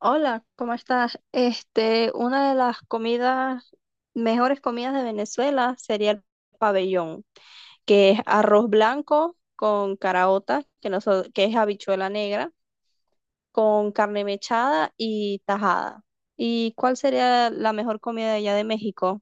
Hola, ¿cómo estás? Una de las mejores comidas de Venezuela sería el pabellón, que es arroz blanco con caraota, que es habichuela negra, con carne mechada y tajada. ¿Y cuál sería la mejor comida de allá de México?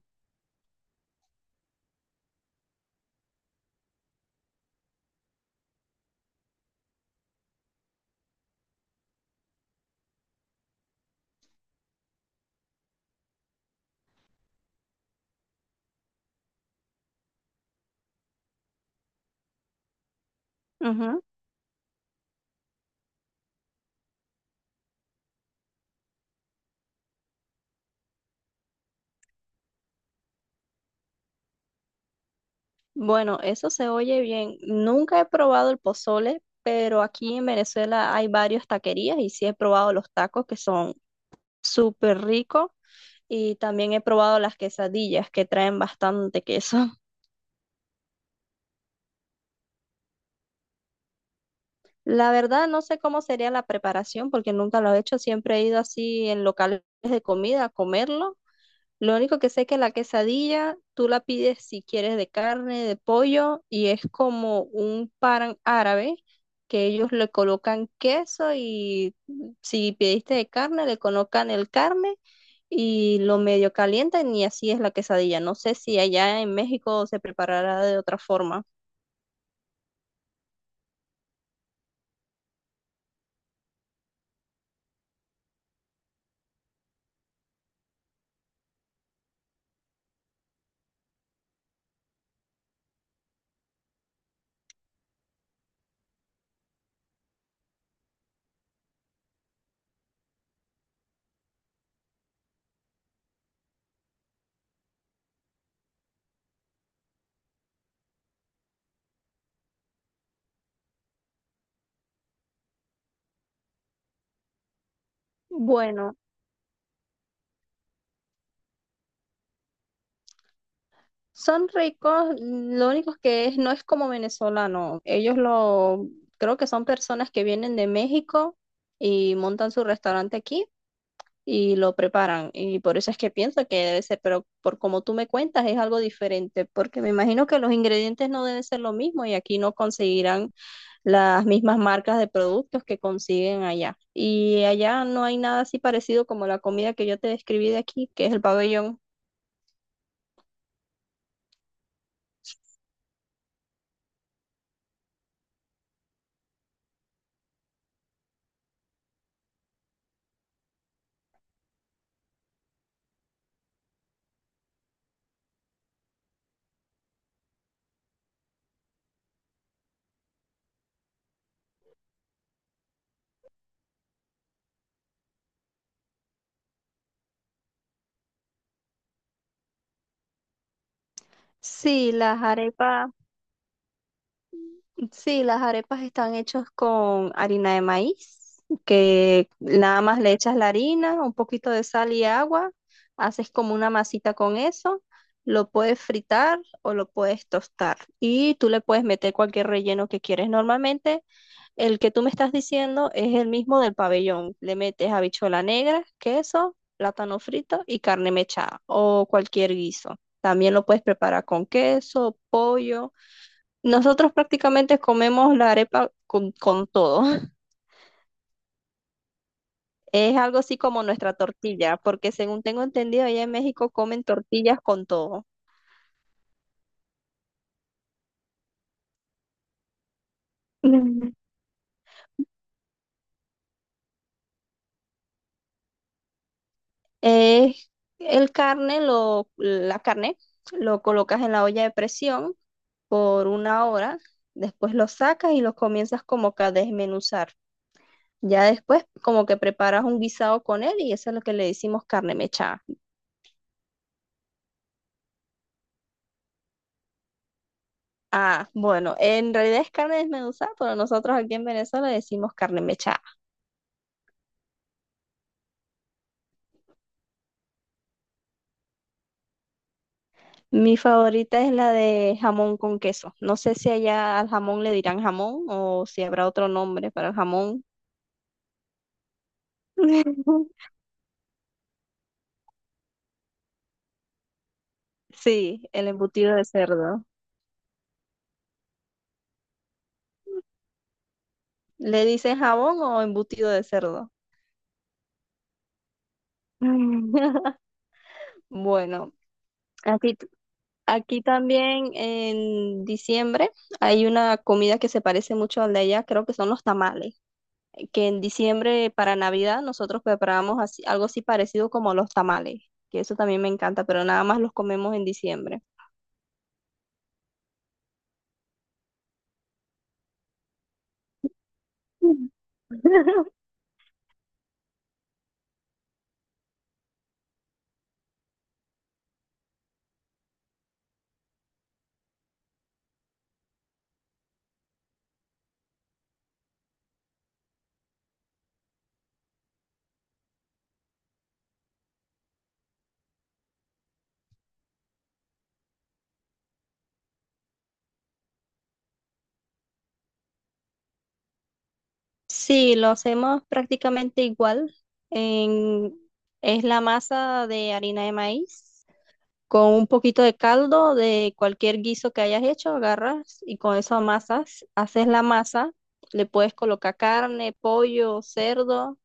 Ujú. Bueno, eso se oye bien. Nunca he probado el pozole, pero aquí en Venezuela hay varias taquerías y sí he probado los tacos que son súper ricos. Y también he probado las quesadillas que traen bastante queso. La verdad no sé cómo sería la preparación porque nunca lo he hecho, siempre he ido así en locales de comida a comerlo. Lo único que sé es que la quesadilla tú la pides si quieres de carne, de pollo, y es como un pan árabe que ellos le colocan queso y si pidiste de carne, le colocan el carne y lo medio calientan y así es la quesadilla. No sé si allá en México se preparará de otra forma. Bueno, son ricos, lo único que es, no es como venezolano. Creo que son personas que vienen de México y montan su restaurante aquí y lo preparan. Y por eso es que pienso que debe ser, pero por como tú me cuentas es algo diferente, porque me imagino que los ingredientes no deben ser lo mismo y aquí no conseguirán las mismas marcas de productos que consiguen allá. Y allá no hay nada así parecido como la comida que yo te describí de aquí, que es el pabellón. Sí, las arepas. Sí, las arepas están hechas con harina de maíz, que nada más le echas la harina, un poquito de sal y agua, haces como una masita con eso, lo puedes fritar o lo puedes tostar y tú le puedes meter cualquier relleno que quieres. Normalmente el que tú me estás diciendo es el mismo del pabellón. Le metes habichuela negra, queso, plátano frito y carne mechada o cualquier guiso. También lo puedes preparar con queso, pollo. Nosotros prácticamente comemos la arepa con todo. Es algo así como nuestra tortilla, porque según tengo entendido, allá en México comen tortillas con todo. Mm. Es la carne, lo colocas en la olla de presión por una hora, después lo sacas y lo comienzas como que a desmenuzar. Ya después como que preparas un guisado con él y eso es lo que le decimos carne mechada. Ah, bueno, en realidad es carne desmenuzada, pero nosotros aquí en Venezuela decimos carne mechada. Mi favorita es la de jamón con queso. No sé si allá al jamón le dirán jamón o si habrá otro nombre para el jamón. Sí, el embutido de cerdo. ¿Le dicen jamón o embutido de cerdo? Bueno, aquí, t- aquí también en diciembre hay una comida que se parece mucho al de allá, creo que son los tamales, que en diciembre para Navidad nosotros preparamos así- algo así parecido como los tamales, que eso también me encanta, pero nada más los comemos en diciembre. Sí, lo hacemos prácticamente igual. En- es la masa de harina de maíz. Con un poquito de caldo de cualquier guiso que hayas hecho, agarras y con eso amasas, haces la masa, le puedes colocar carne, pollo, cerdo,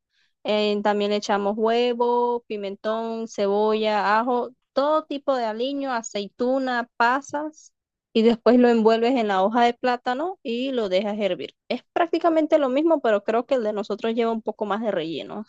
también le echamos huevo, pimentón, cebolla, ajo, todo tipo de aliño, aceituna, pasas, y después lo envuelves en la hoja de plátano y lo dejas hervir. Es prácticamente lo mismo, pero creo que el de nosotros lleva un poco más de relleno.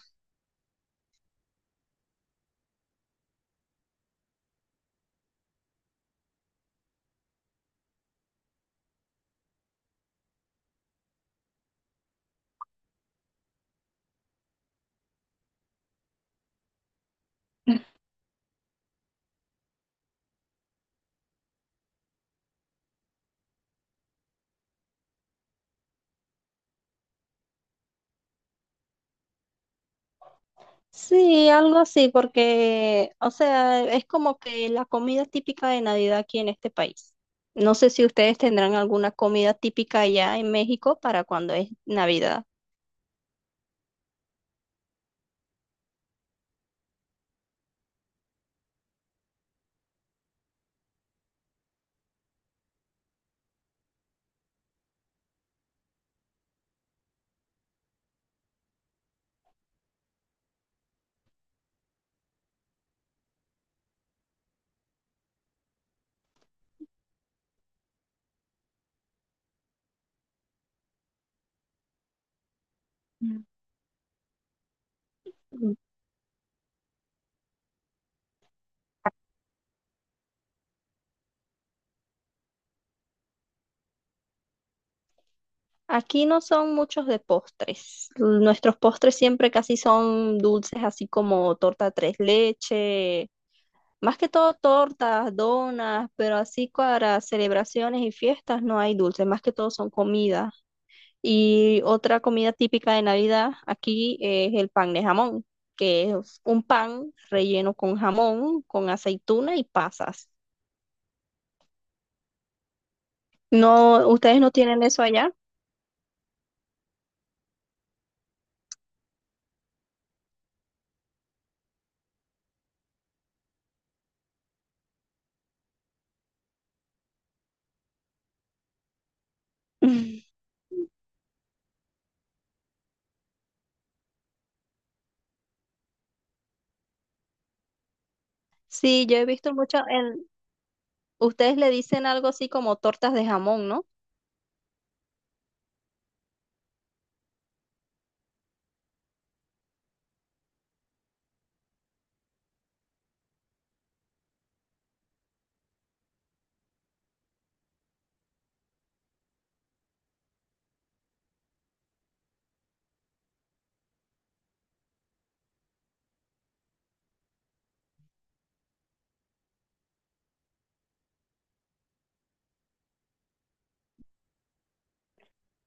Sí, algo así, porque, o sea, es como que la comida típica de Navidad aquí en este país. No sé si ustedes tendrán alguna comida típica allá en México para cuando es Navidad. Mm. Mm. Aquí no son muchos de postres. Nuestros postres siempre casi son dulces, así como torta tres leche, más que todo tortas, donas, pero así para celebraciones y fiestas no hay dulces, más que todo son comidas. Y otra comida típica de Navidad aquí es el pan de jamón, que es un pan relleno con jamón, con aceituna y pasas. No, ustedes no tienen eso allá. Sí, yo he visto mucho en, ustedes le dicen algo así como tortas de jamón, ¿no?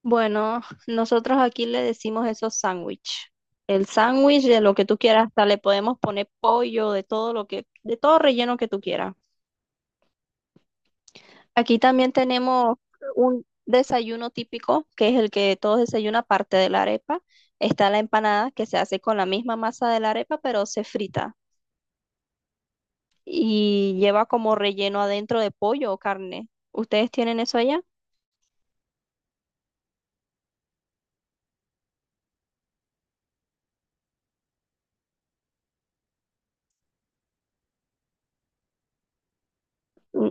Bueno, nosotros aquí le decimos eso sándwich. El sándwich de lo que tú quieras, hasta le podemos poner pollo, de todo lo que, de todo relleno que tú quieras. Aquí también tenemos un desayuno típico, que es el que todos desayunan aparte de la arepa. Está la empanada, que se hace con la misma masa de la arepa, pero se frita y lleva como relleno adentro de pollo o carne. ¿Ustedes tienen eso allá? Mm,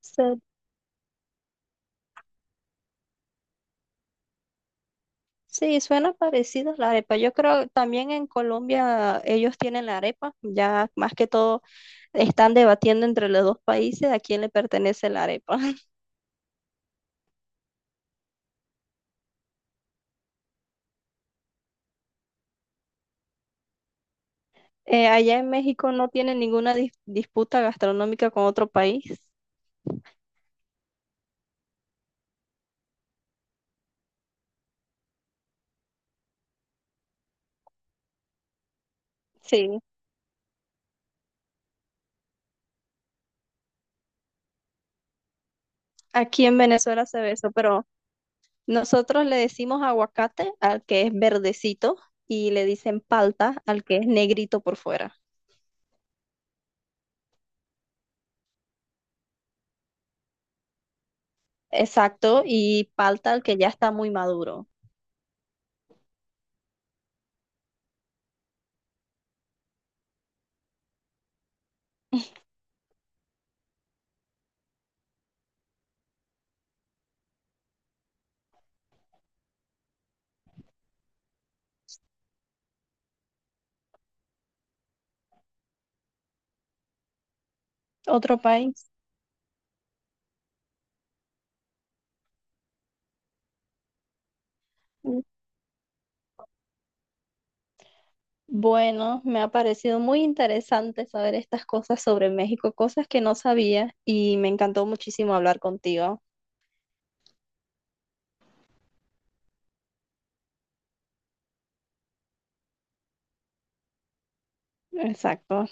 se- Sí, suena parecido a la arepa. Yo creo también en Colombia ellos tienen la arepa. Ya más que todo están debatiendo entre los dos países a quién le pertenece la arepa. Allá en México no tienen ninguna disputa gastronómica con otro país. Sí. Aquí en Venezuela se ve eso, pero nosotros le decimos aguacate al que es verdecito y le dicen palta al que es negrito por fuera. Exacto, y palta al que ya está muy maduro. Otro país. Mm. Bueno, me ha parecido muy interesante saber estas cosas sobre México, cosas que no sabía y me encantó muchísimo hablar contigo. Exacto.